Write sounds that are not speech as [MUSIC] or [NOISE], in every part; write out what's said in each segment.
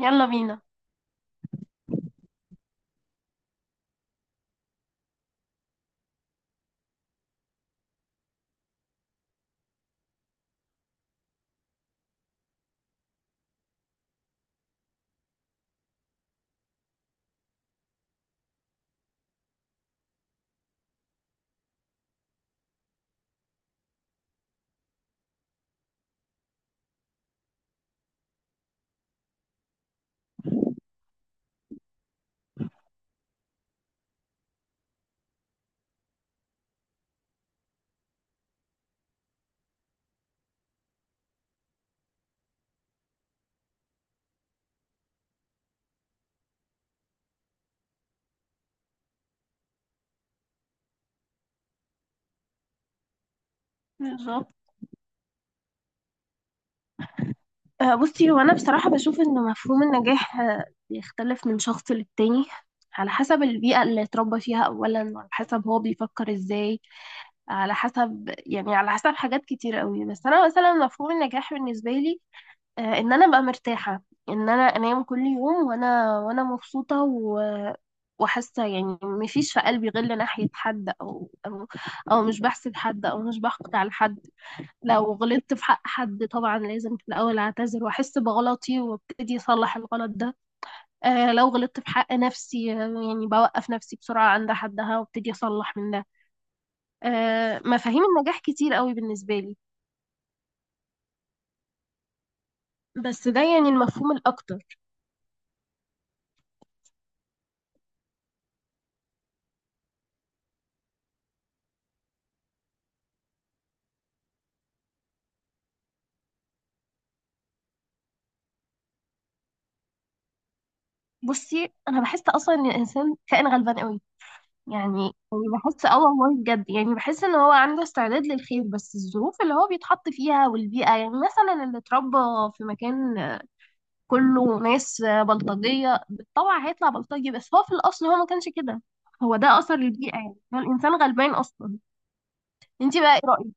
يلا بينا. بالظبط. بصي هو انا بصراحه بشوف ان مفهوم النجاح بيختلف من شخص للتاني. على حسب البيئه اللي اتربى فيها اولا، على حسب هو بيفكر ازاي، على حسب حاجات كتير قوي. بس انا مثلا مفهوم النجاح بالنسبه لي، ان انا ابقى مرتاحه. ان انا انام كل يوم، وانا مبسوطه وحاسه، يعني مفيش في قلبي غل ناحيه حد او أو مش بحسد حد، او مش بحقد على حد. لو غلطت في حق حد، طبعا لازم في الأول أعتذر وأحس بغلطي وأبتدي أصلح الغلط ده. لو غلطت في حق نفسي، يعني بوقف نفسي بسرعة عند حدها وأبتدي أصلح من ده. مفاهيم النجاح كتير قوي بالنسبة لي. بس ده يعني المفهوم الأكتر. بصي أنا بحس أصلا إن الإنسان كائن غلبان قوي. يعني، يعني بحس، اه والله بجد، يعني بحس ان هو عنده استعداد للخير، بس الظروف اللي هو بيتحط فيها والبيئة، يعني مثلا اللي اتربى في مكان كله ناس بلطجية بالطبع هيطلع بلطجي، بس هو في الأصل هو ما كانش كده. هو ده أثر البيئة، يعني هو الإنسان غلبان أصلا. انتي بقى ايه رأيك؟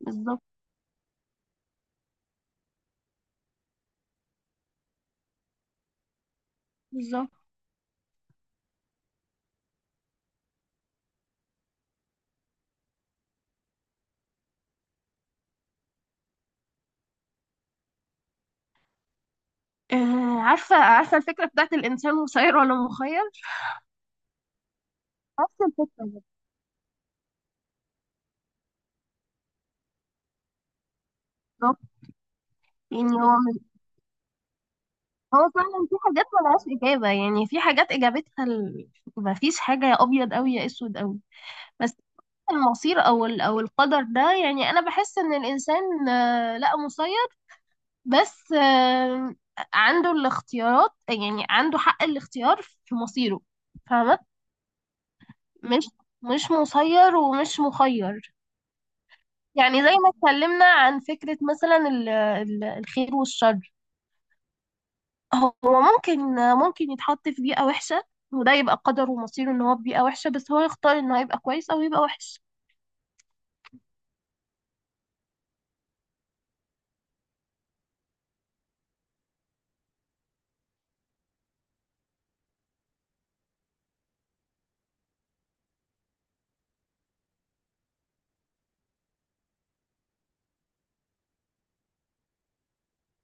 بالظبط، بالظبط. عارفة الفكرة بتاعت الإنسان مسير ولا مخير؟ نفس الفكرة. بالظبط. يعني هو من هو فعلا في حاجات ملهاش إجابة، يعني في حاجات إجابتها. مفيش حاجة يا أبيض أوي يا أسود أوي. بس المصير أو القدر ده، يعني أنا بحس إن الإنسان لا مسير، بس عنده الاختيارات، يعني عنده حق الاختيار في مصيره. فاهمة؟ مش مش مسير ومش مخير. يعني زي ما اتكلمنا عن فكرة مثلا الخير والشر. هو ممكن يتحط في بيئة وحشة، وده يبقى قدره ومصيره ان هو في بيئة وحشة، بس هو يختار ان هو يبقى كويس او يبقى وحش.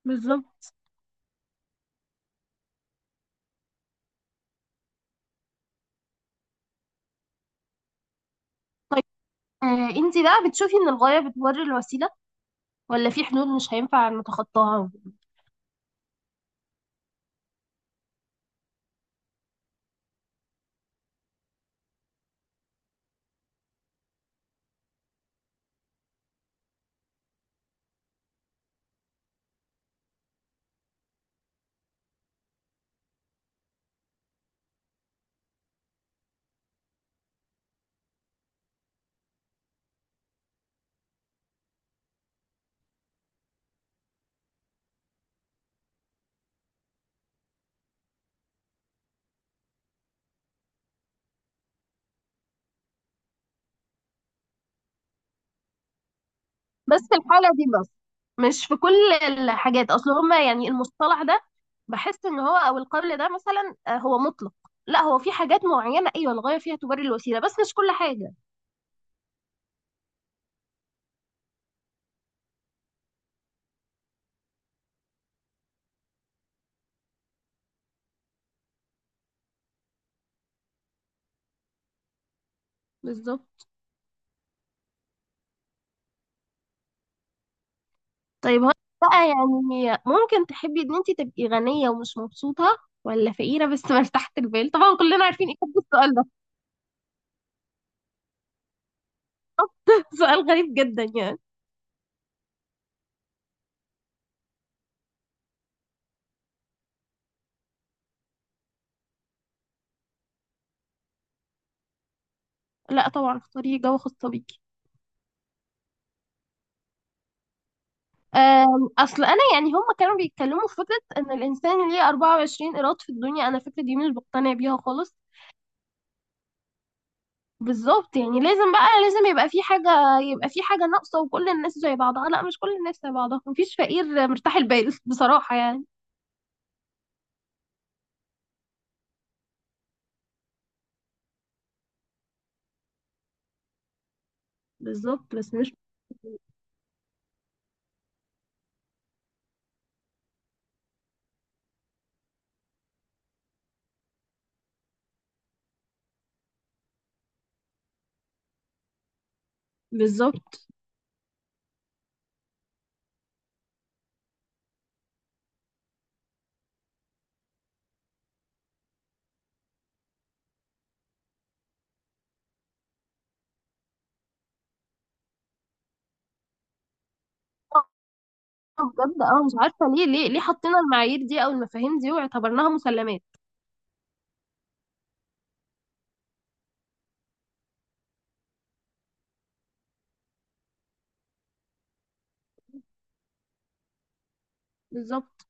بالظبط. طيب، انتي بقى بتشوفي ان الغاية بتبرر الوسيلة، ولا في حدود مش هينفع نتخطاها؟ بس في الحالة دي بس، مش في كل الحاجات. اصل هما يعني المصطلح ده، بحس ان هو او القول ده مثلا، هو مطلق. لا، هو في حاجات معينة ايوه الغاية فيها تبرر الوسيلة، بس مش كل حاجة. بالظبط. طيب هو بقى، يعني ممكن تحبي ان انت تبقي غنية ومش مبسوطة، ولا فقيرة بس [LAUGHS] مرتاحة البال؟ طبعا كلنا عارفين اجابة السؤال ده. [LAUGHS] سؤال غريب جدا يعني. لا، طبعا اختاري جوه خاصة بيكي. اصل انا يعني هم كانوا بيتكلموا في فكره ان الانسان ليه 24 ايراد في الدنيا. انا الفكره دي مش بقتنع بيها خالص. بالظبط، يعني لازم يبقى في حاجه ناقصه، وكل الناس زي بعضها. لا، مش كل الناس زي بعضها، مفيش فقير مرتاح البال [LAUGHS] بصراحه يعني. بالظبط، بس مش. بالظبط. آه، بجد، مش عارفه ليه حطينا المعايير دي او المفاهيم دي واعتبرناها مسلمات. بالظبط.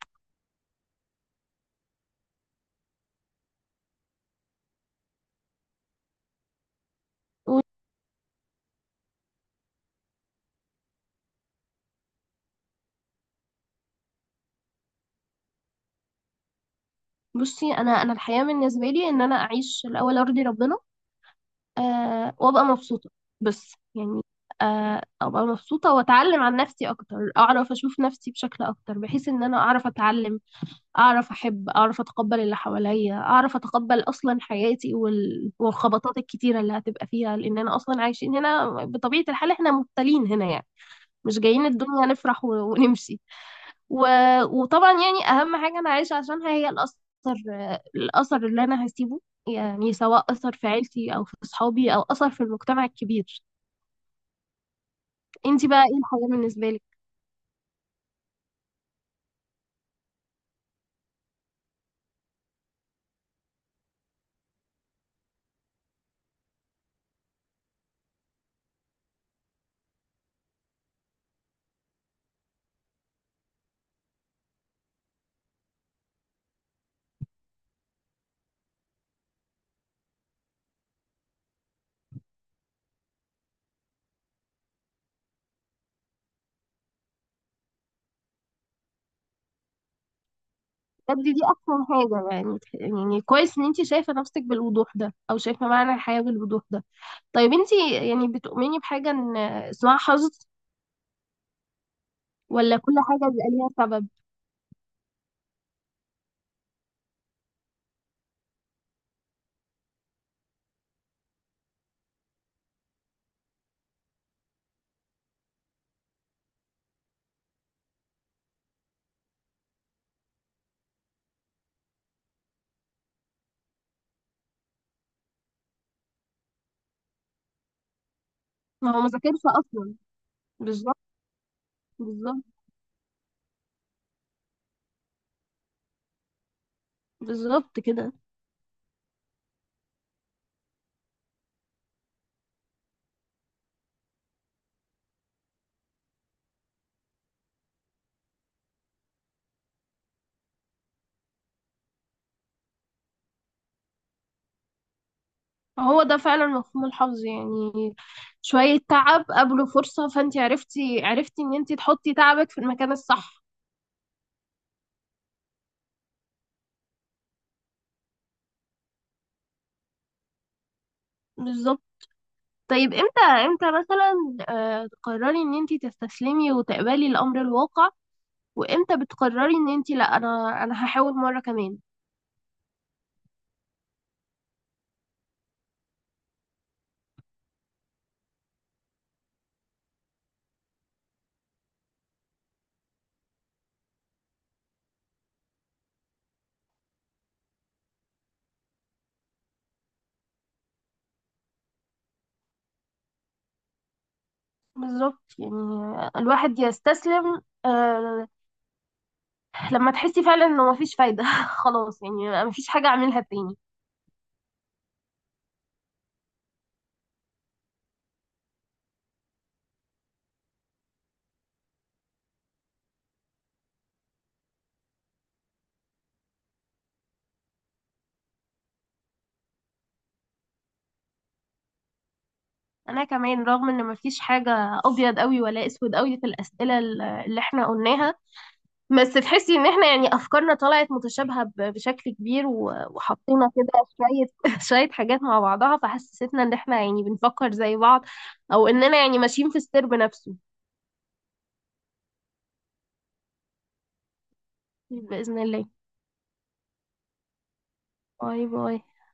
بصي انا الحياه بالنسبه لي ان انا اعيش، الاول ارضي ربنا، وابقى مبسوطة. بس يعني، ابقى مبسوطة واتعلم عن نفسي اكتر، اعرف اشوف نفسي بشكل اكتر، بحيث ان انا اعرف اتعلم، اعرف احب، اعرف اتقبل اللي حواليا، اعرف اتقبل اصلا حياتي والخبطات الكتيرة اللي هتبقى فيها، لان انا اصلا عايشين هنا بطبيعة الحال، احنا مبتلين هنا يعني. مش جايين الدنيا نفرح ونمشي و... وطبعا يعني اهم حاجه انا عايشه عشانها هي الاثر، الاثر اللي انا هسيبه. يعني سواء اثر في عيلتي او في اصحابي او اثر في المجتمع الكبير. انت بقى ايه الحاجه بالنسبه لك؟ بجد دي احسن حاجه، يعني كويس ان انت شايفه نفسك بالوضوح ده، او شايفه معنى الحياه بالوضوح ده. طيب انت، يعني بتؤمني بحاجه ان اسمها حظ، ولا كل حاجه بيبقى ليها سبب؟ ما هو ما ذاكرش اصلا. بالظبط، بالظبط، بالظبط كده. هو ده فعلا مفهوم الحظ يعني، شوية تعب قبله فرصة، فانت عرفتي ان انت تحطي تعبك في المكان الصح. بالظبط. طيب، امتى مثلا، تقرري ان انت تستسلمي وتقبلي الامر الواقع، وامتى بتقرري ان انت لا، انا هحاول مرة كمان؟ بالظبط، يعني الواحد يستسلم، لما تحسي فعلا انه مفيش فايدة [LAUGHS] خلاص يعني مفيش حاجة اعملها تاني. انا كمان رغم ان مفيش حاجه ابيض قوي ولا اسود قوي في الاسئله اللي احنا قلناها، بس تحسي ان احنا يعني افكارنا طلعت متشابهه بشكل كبير، وحطينا كده شويه [LAUGHS] شويه حاجات مع بعضها، فحسستنا ان احنا يعني بنفكر زي بعض، او اننا يعني ماشيين في السرب نفسه. باذن الله. باي، باي.